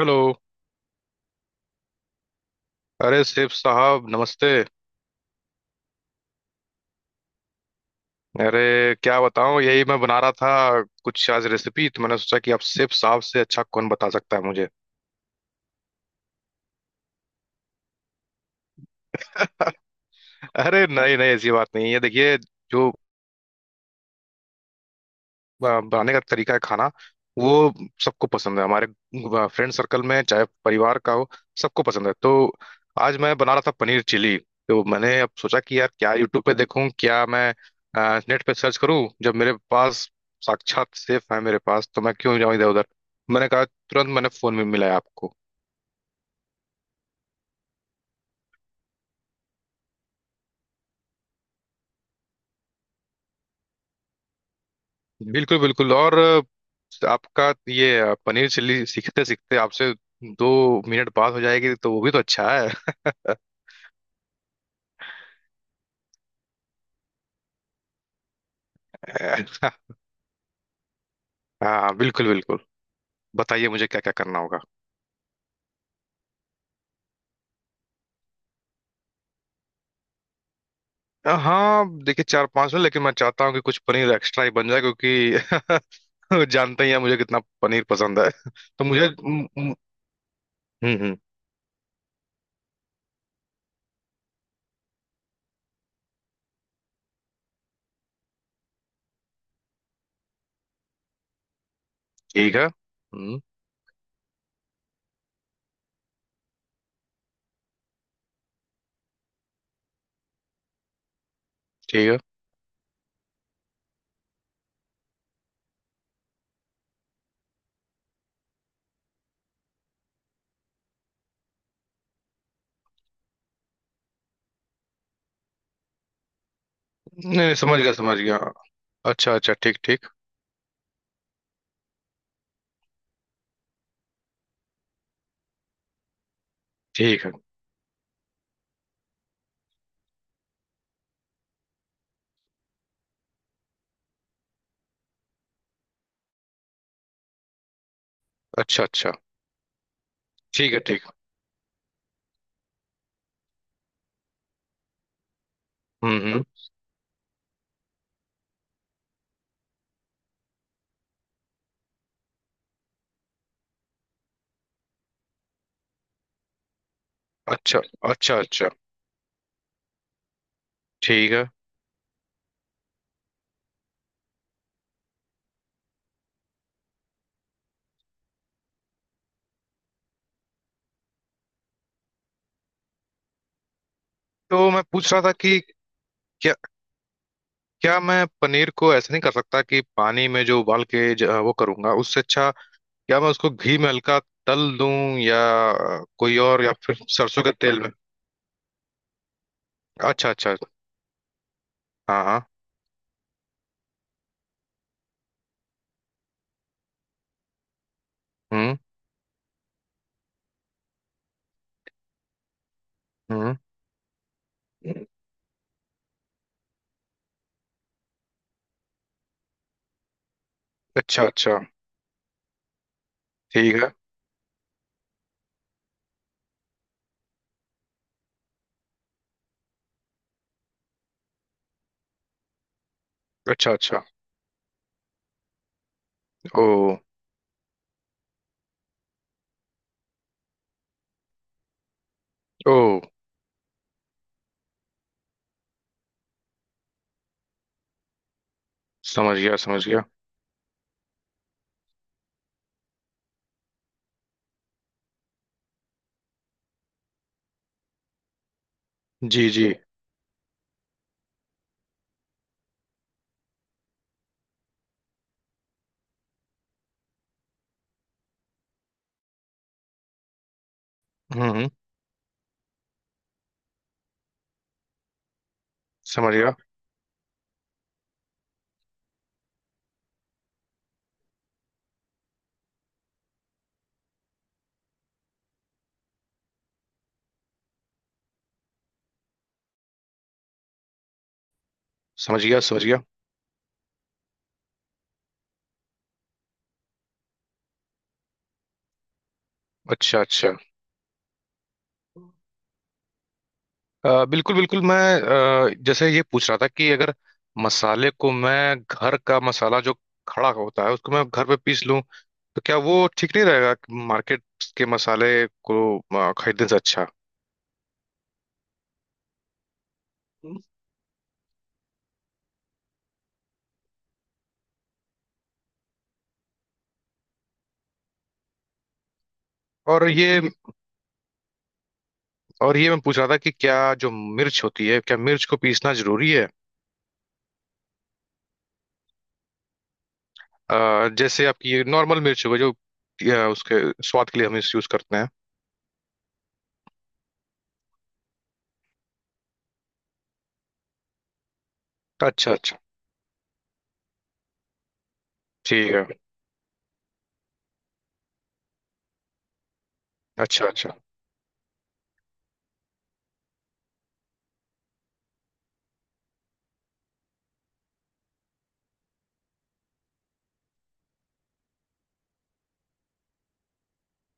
Hello. अरे सेफ साहब, नमस्ते। अरे, क्या बताऊं, यही मैं बना रहा था कुछ आज रेसिपी। तो मैंने सोचा कि आप सेफ साहब से अच्छा कौन बता सकता है मुझे। अरे नहीं नहीं, ऐसी बात नहीं है। देखिए, जो बनाने का तरीका है खाना, वो सबको पसंद है हमारे फ्रेंड सर्कल में, चाहे परिवार का हो। सबको पसंद है। तो आज मैं बना रहा था पनीर चिली। तो मैंने अब सोचा कि यार, क्या यूट्यूब पे देखूं, क्या मैं नेट पे सर्च करूं, जब मेरे पास साक्षात सेफ है मेरे पास, तो मैं क्यों जाऊं इधर उधर। मैंने कहा, तुरंत मैंने फोन में मिलाया आपको। बिल्कुल बिल्कुल। और आपका ये पनीर चिल्ली सीखते सीखते आपसे 2 मिनट बात हो जाएगी, तो वो भी तो अच्छा है। हाँ बिल्कुल बिल्कुल। बताइए मुझे क्या क्या करना होगा। हाँ, देखिए, चार पांच में, लेकिन मैं चाहता हूँ कि कुछ पनीर एक्स्ट्रा ही बन जाए, क्योंकि जानते ही हैं मुझे कितना पनीर पसंद है। तो मुझे। हम्म। हम्म। ठीक है। हम्म। ठीक है। नहीं नहीं, समझ गया समझ गया। अच्छा अच्छा, ठीक ठीक। ठीक है। अच्छा अच्छा। ठीक है। ठीक। हम्म। अच्छा अच्छा। अच्छा। ठीक है। तो मैं पूछ रहा था कि क्या क्या मैं पनीर को ऐसे नहीं कर सकता कि पानी में जो उबाल के वो करूंगा उससे अच्छा, क्या मैं उसको घी में हल्का तल दूं, या कोई और, या फिर सरसों के तेल में। अच्छा अच्छा। हाँ हाँ। हम्म हम्म। अच्छा अच्छा। ठीक है। अच्छा अच्छा। ओ। ओ, समझ गया समझ गया। जी जी। हम्म। समझ गया समझ गया। समझ गया। अच्छा अच्छा। बिल्कुल बिल्कुल, मैं जैसे ये पूछ रहा था कि अगर मसाले को, मैं घर का मसाला जो खड़ा होता है, उसको मैं घर पे पीस लूं, तो क्या वो ठीक नहीं रहेगा, मार्केट के मसाले को खरीदने से अच्छा। और ये और ये मैं पूछ रहा था कि क्या जो मिर्च होती है, क्या मिर्च को पीसना जरूरी है। जैसे आपकी ये नॉर्मल मिर्च हो गई, जो उसके स्वाद के लिए हम इस यूज करते हैं। अच्छा अच्छा। ठीक है। अच्छा अच्छा।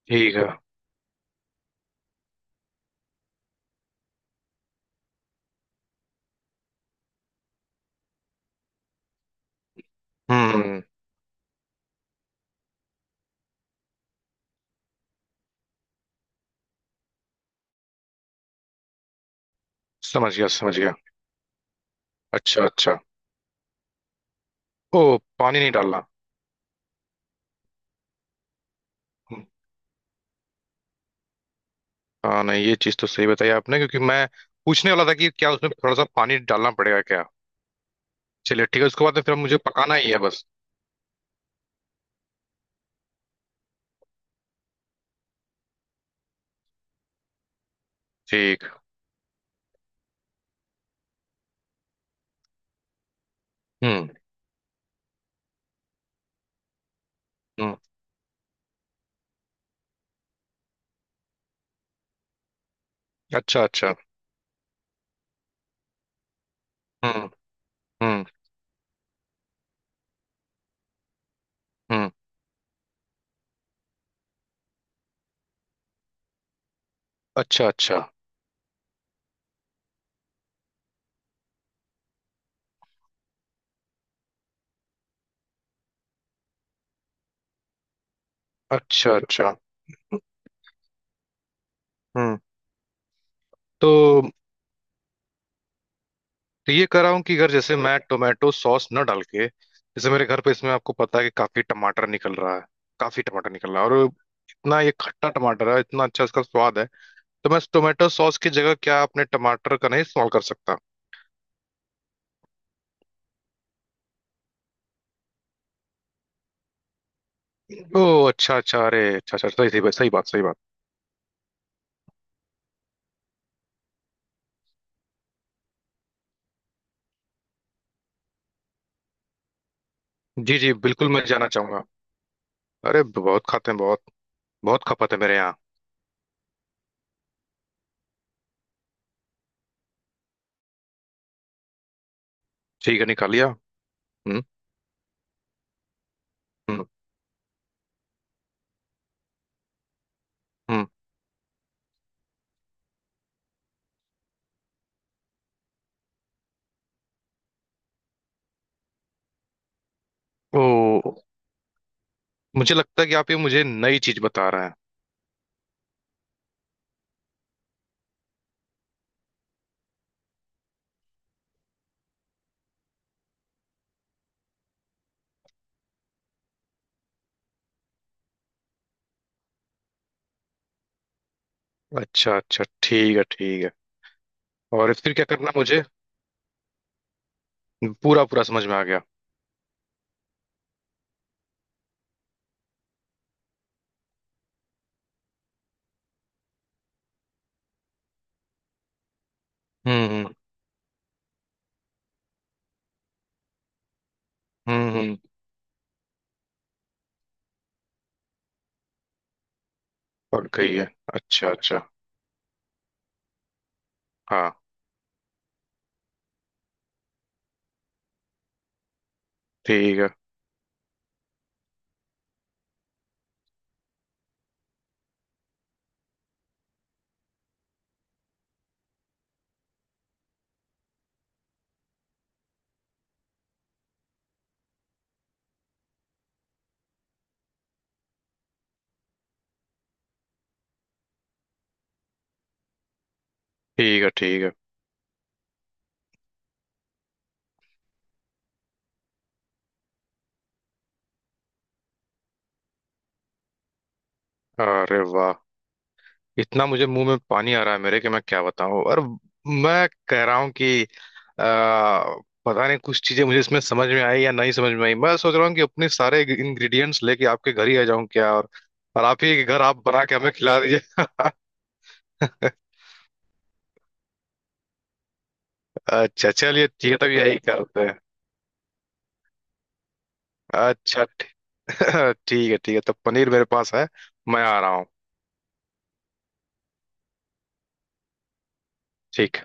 ठीक है। हम्म। समझ गया समझ गया। अच्छा अच्छा। ओ, पानी नहीं डालना। हाँ नहीं, ये चीज तो सही बताई आपने, क्योंकि मैं पूछने वाला था कि क्या उसमें थोड़ा सा पानी डालना पड़ेगा क्या। चलिए ठीक है, उसके बाद फिर मुझे पकाना ही है बस। ठीक। हम्म हम्म। अच्छा अच्छा। हम्म हम्म हम्म। अच्छा अच्छा। अच्छा अच्छा। हम्म। तो तो ये कर रहा हूँ कि अगर जैसे मैं टोमेटो सॉस न डाल के, जैसे मेरे घर पे इसमें, आपको पता है कि काफी टमाटर निकल रहा है। काफी टमाटर निकल रहा है और इतना ये खट्टा टमाटर है, इतना अच्छा इसका स्वाद है। तो मैं टोमेटो सॉस की जगह क्या आपने टमाटर का नहीं इस्तेमाल कर सकता। ओह अच्छा अच्छा। अरे अच्छा अच्छा, सही सही बात, सही बात, सही बात। जी जी बिल्कुल, मैं जाना चाहूंगा। अरे बहुत खाते हैं बहुत। बहुत खपत है मेरे यहाँ। ठीक है, निकालिया। हम्म। हम्म। हम्म। ओह, मुझे लगता है कि आप ये मुझे नई चीज बता रहे हैं। अच्छा अच्छा। ठीक है ठीक है। और फिर क्या करना है? मुझे पूरा पूरा समझ में आ गया। हम्म। हम्म। पक गई है। अच्छा अच्छा। हाँ। ठीक है। ठीक है। ठीक है। अरे वाह! इतना मुझे मुंह में पानी आ रहा है मेरे, कि मैं क्या बताऊं। और मैं कह रहा हूं कि आ, पता नहीं, कुछ चीजें मुझे इसमें समझ में आई या नहीं समझ में आई। मैं सोच रहा हूँ कि अपने सारे इंग्रेडिएंट्स लेके आपके घर ही आ जाऊं क्या, और आप ही के घर आप बना के हमें खिला दीजिए। अच्छा चलिए ठीक है, तब यही कर। अच्छा ठीक है ठीक है, तब पनीर मेरे पास है। मैं आ रहा हूँ। ठीक है।